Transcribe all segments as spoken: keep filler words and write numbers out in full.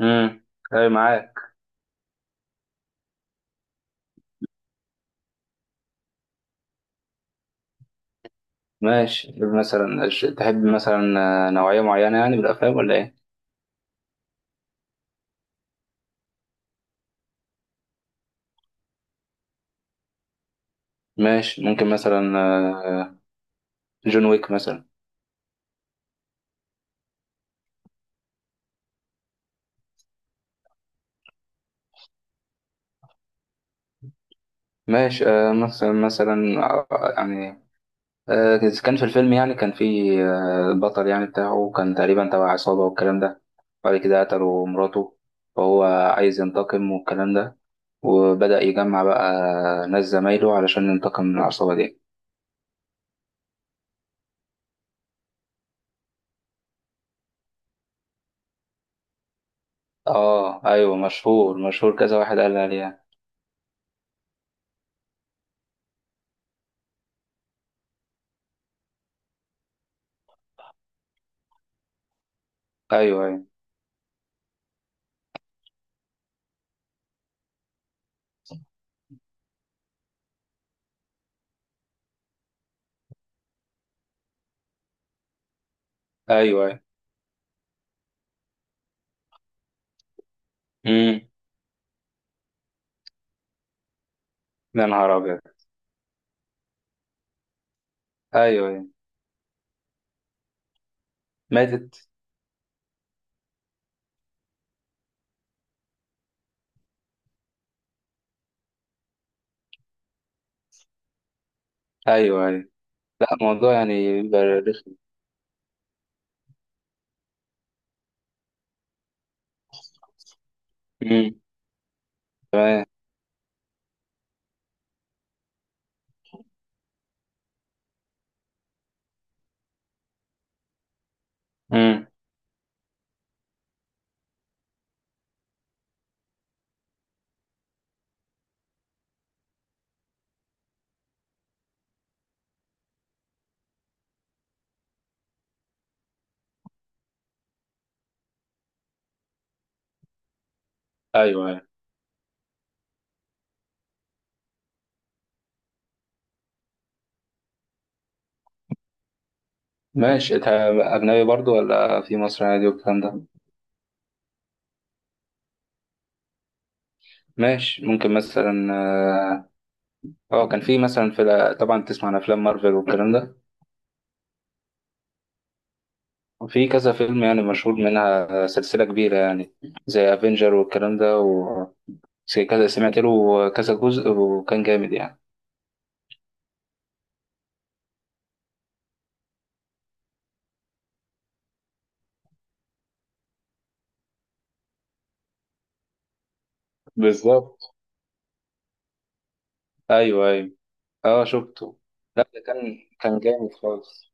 امم. اي معاك. ماشي مثلا. تحب مثلا. آه، نوعية معينة يعني بالأفلام ولا إيه؟ ماشي ممكن مثلا. آه، جون ويك مثلا. ماشي آه، مثلا مثلا آه، يعني آه، كان في الفيلم يعني كان في آه، البطل يعني بتاعه كان تقريبا تبع عصابة والكلام ده. بعد كده قتلوا مراته فهو عايز ينتقم والكلام ده. وبدأ يجمع بقى ناس زمايله علشان ينتقم من العصابة دي. اه ايوه، مشهور مشهور، كذا واحد قال لي عليها. ايوه ايوه. ايوه ايوه. امم. يا نهار ابيض. ايوه ايوه. ماتت. ايوه ايوه. لا، الموضوع يعني بيبقى رخم. امم. تمام. امم. ايوه ايوه. ماشي، انت اجنبي برضو ولا في مصر عادي والكلام ده؟ ماشي ممكن مثلا اه. آه، كان في مثلا في ال- طبعا تسمع عن افلام مارفل والكلام ده. في كذا فيلم يعني مشهور منها سلسلة كبيرة يعني، زي افنجر والكلام ده، و زي كذا سمعت له كذا جزء وكان جامد يعني. بالظبط. ايوه ايوه. اه شفته. لا ده كان كان جامد خالص.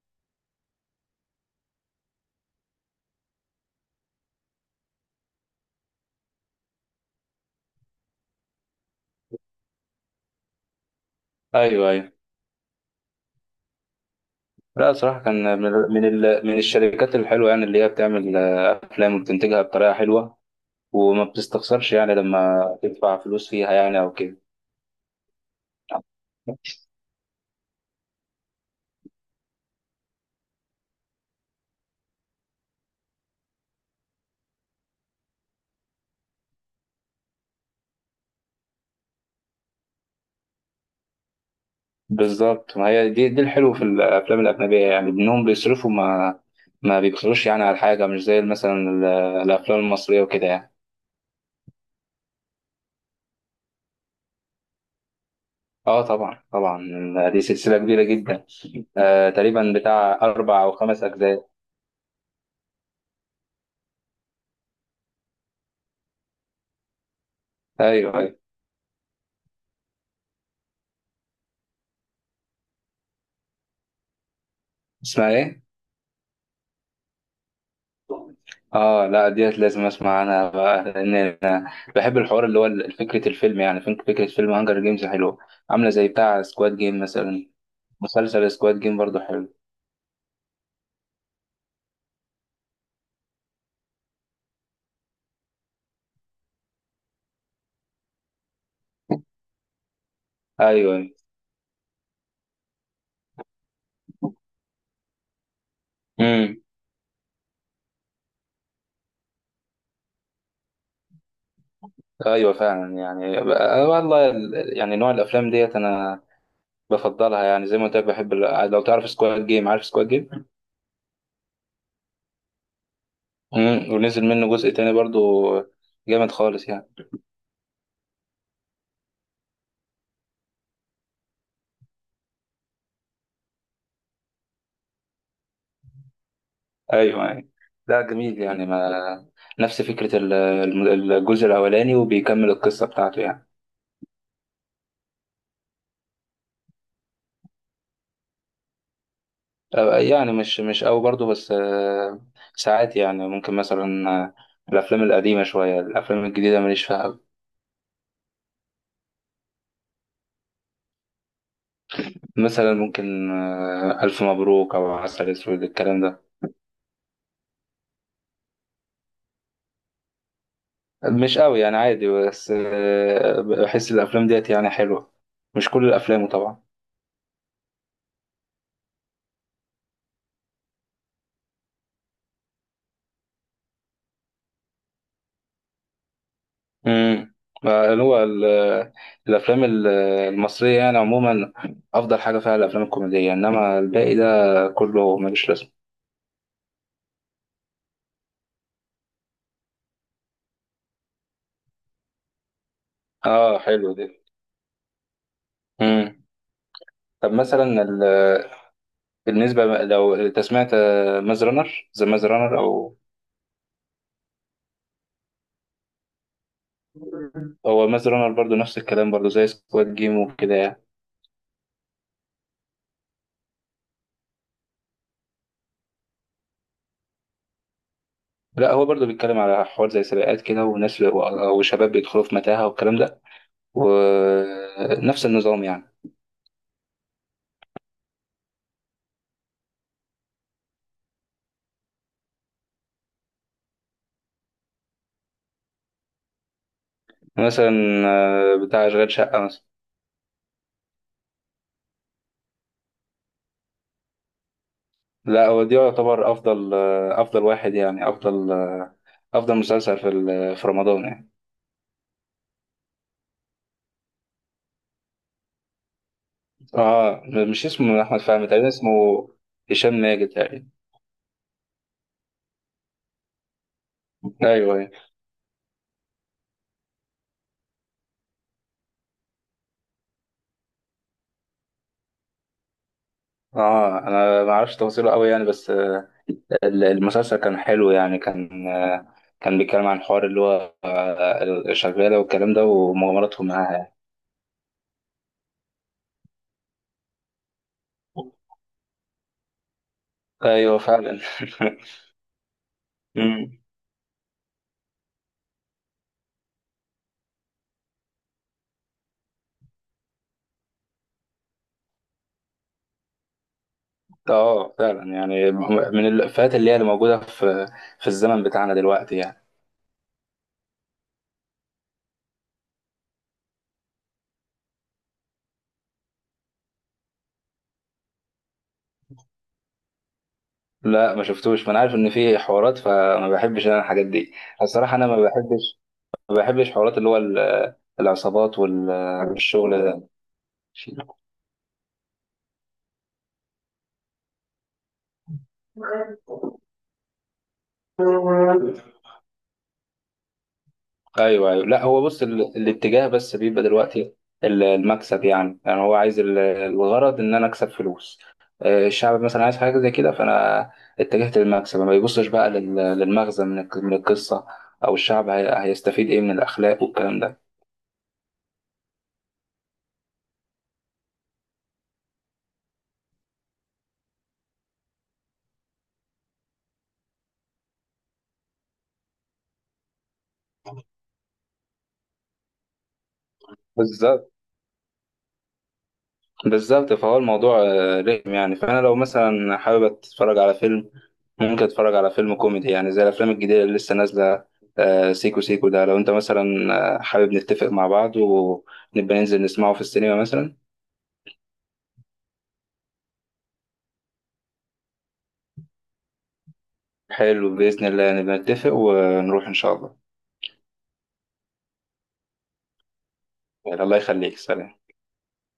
ايوه ايوه. لا صراحه كان من من ال... من الشركات الحلوه يعني، اللي هي بتعمل آه، افلام وبتنتجها بطريقه حلوه. وما بتستخسرش يعني لما تدفع فلوس فيها يعني او كده. بالظبط، ما هي دي دي الحلو في الافلام الاجنبيه يعني، انهم بيصرفوا، ما ما بيبخلوش يعني على حاجه، مش زي مثلا ال- الافلام المصريه وكده يعني. اه طبعا طبعا. دي سلسله كبيره جدا. آه تقريبا بتاع اربع او خمس اجزاء. ايوه أيوه. اسمها ايه؟ اه لا، ديت لازم اسمع عنها بقى، لان انا بحب الحوار اللي هو ال- فكره الفيلم يعني فك- فكره فيلم هانجر جيمز حلوه. عامله زي بتاع سكواد جيم مثلا. مسلسل سكواد جيم برضو حلو. ايوه. امم. ايوه فعلا يعني بقى- والله ال- يعني نوع الافلام ديت انا بفضلها يعني، زي ما قلت لك، بحب ال- لو تعرف سكواد جيم، عارف سكواد جيم. امم. ونزل منه جزء تاني برضو. جامد خالص يعني. ايوه ايوه. لا جميل يعني، ما نفس فكرة ال- الم- الجزء الأولاني وبيكمل القصة بتاعته يعني. آه، يعني مش مش قوي برضه، بس. آه، ساعات يعني ممكن مثلا. آه، الأفلام القديمة شوية، الأفلام الجديدة ماليش فيها أوي. مثلا ممكن آه، ألف مبروك أو عسل أسود الكلام ده. مش قوي يعني، عادي، بس آه، بحس الأفلام ديت يعني حلوة. مش كل الأفلام طبعا. امم. هو ال- الافلام ال- المصريه يعني عموما افضل حاجه فيها الافلام الكوميديه، انما الباقي ده كله ملوش لازمه. اه حلو ده. امم. طب مثلا ال- بالنسبه بقى- لو انت سمعت ماز رانر، ذا ماز رانر او... هو ماز رانر برضه نفس الكلام، برضه زي سكواد جيم وكده يعني. لا هو برضه بيتكلم على حوار زي سباقات كده، وناس و- وشباب بيدخلوا في متاهة والكلام ده. ونفس النظام يعني. مثلا آه، بتاع أشغال شقة مثلا. لا هو دي يعتبر افضل، افضل واحد يعني، افضل افضل مسلسل في ال- في رمضان يعني. اه مش اسمه احمد فهمي تقريبا، اسمه هشام ماجد تقريبا. ايوه أيوة. اه انا ما اعرفش تفاصيله قوي يعني، بس. آه، ال- المسلسل كان حلو يعني، كان. آه، كان بيتكلم عن حوار اللي هو آه، الشغاله والكلام ده، ومغامراتهم معاها يعني. ايوه فعلا. مم. اه فعلا يعني، من الافيهات اللي هي اللي موجوده في في الزمن بتاعنا دلوقتي يعني. لا ما شفتوش، ما انا عارف ان في حوارات، فما بحبش انا الحاجات دي. الصراحه انا ما بحبش، ما بحبش حوارات اللي هو ال- العصابات والشغل ده. ايوه ايوه. لا هو بص، ال... الاتجاه بس بيبقى دلوقتي ال- المكسب يعني يعني هو عايز ال- الغرض ان انا اكسب فلوس. آه، الشعب مثلا عايز حاجه زي كده، فانا اتجهت للمكسب، ما بيبصش بقى لل... للمغزى من الك- من القصه، او الشعب هي... هيستفيد ايه من الاخلاق والكلام ده. بالظبط، بالظبط، فهو الموضوع آه، رخم يعني. فانا لو مثلا حابب اتفرج على فيلم، ممكن اتفرج على فيلم كوميدي يعني، زي الافلام الجديده اللي لسه نازله. آه، سيكو سيكو ده، لو انت مثلا آه، حابب نتفق مع بعض ونبقى ننزل نسمعه في السينما مثلا. حلو، باذن الله نبقى نتفق ونروح ان شاء الله. يعني الله يخليك، سلام.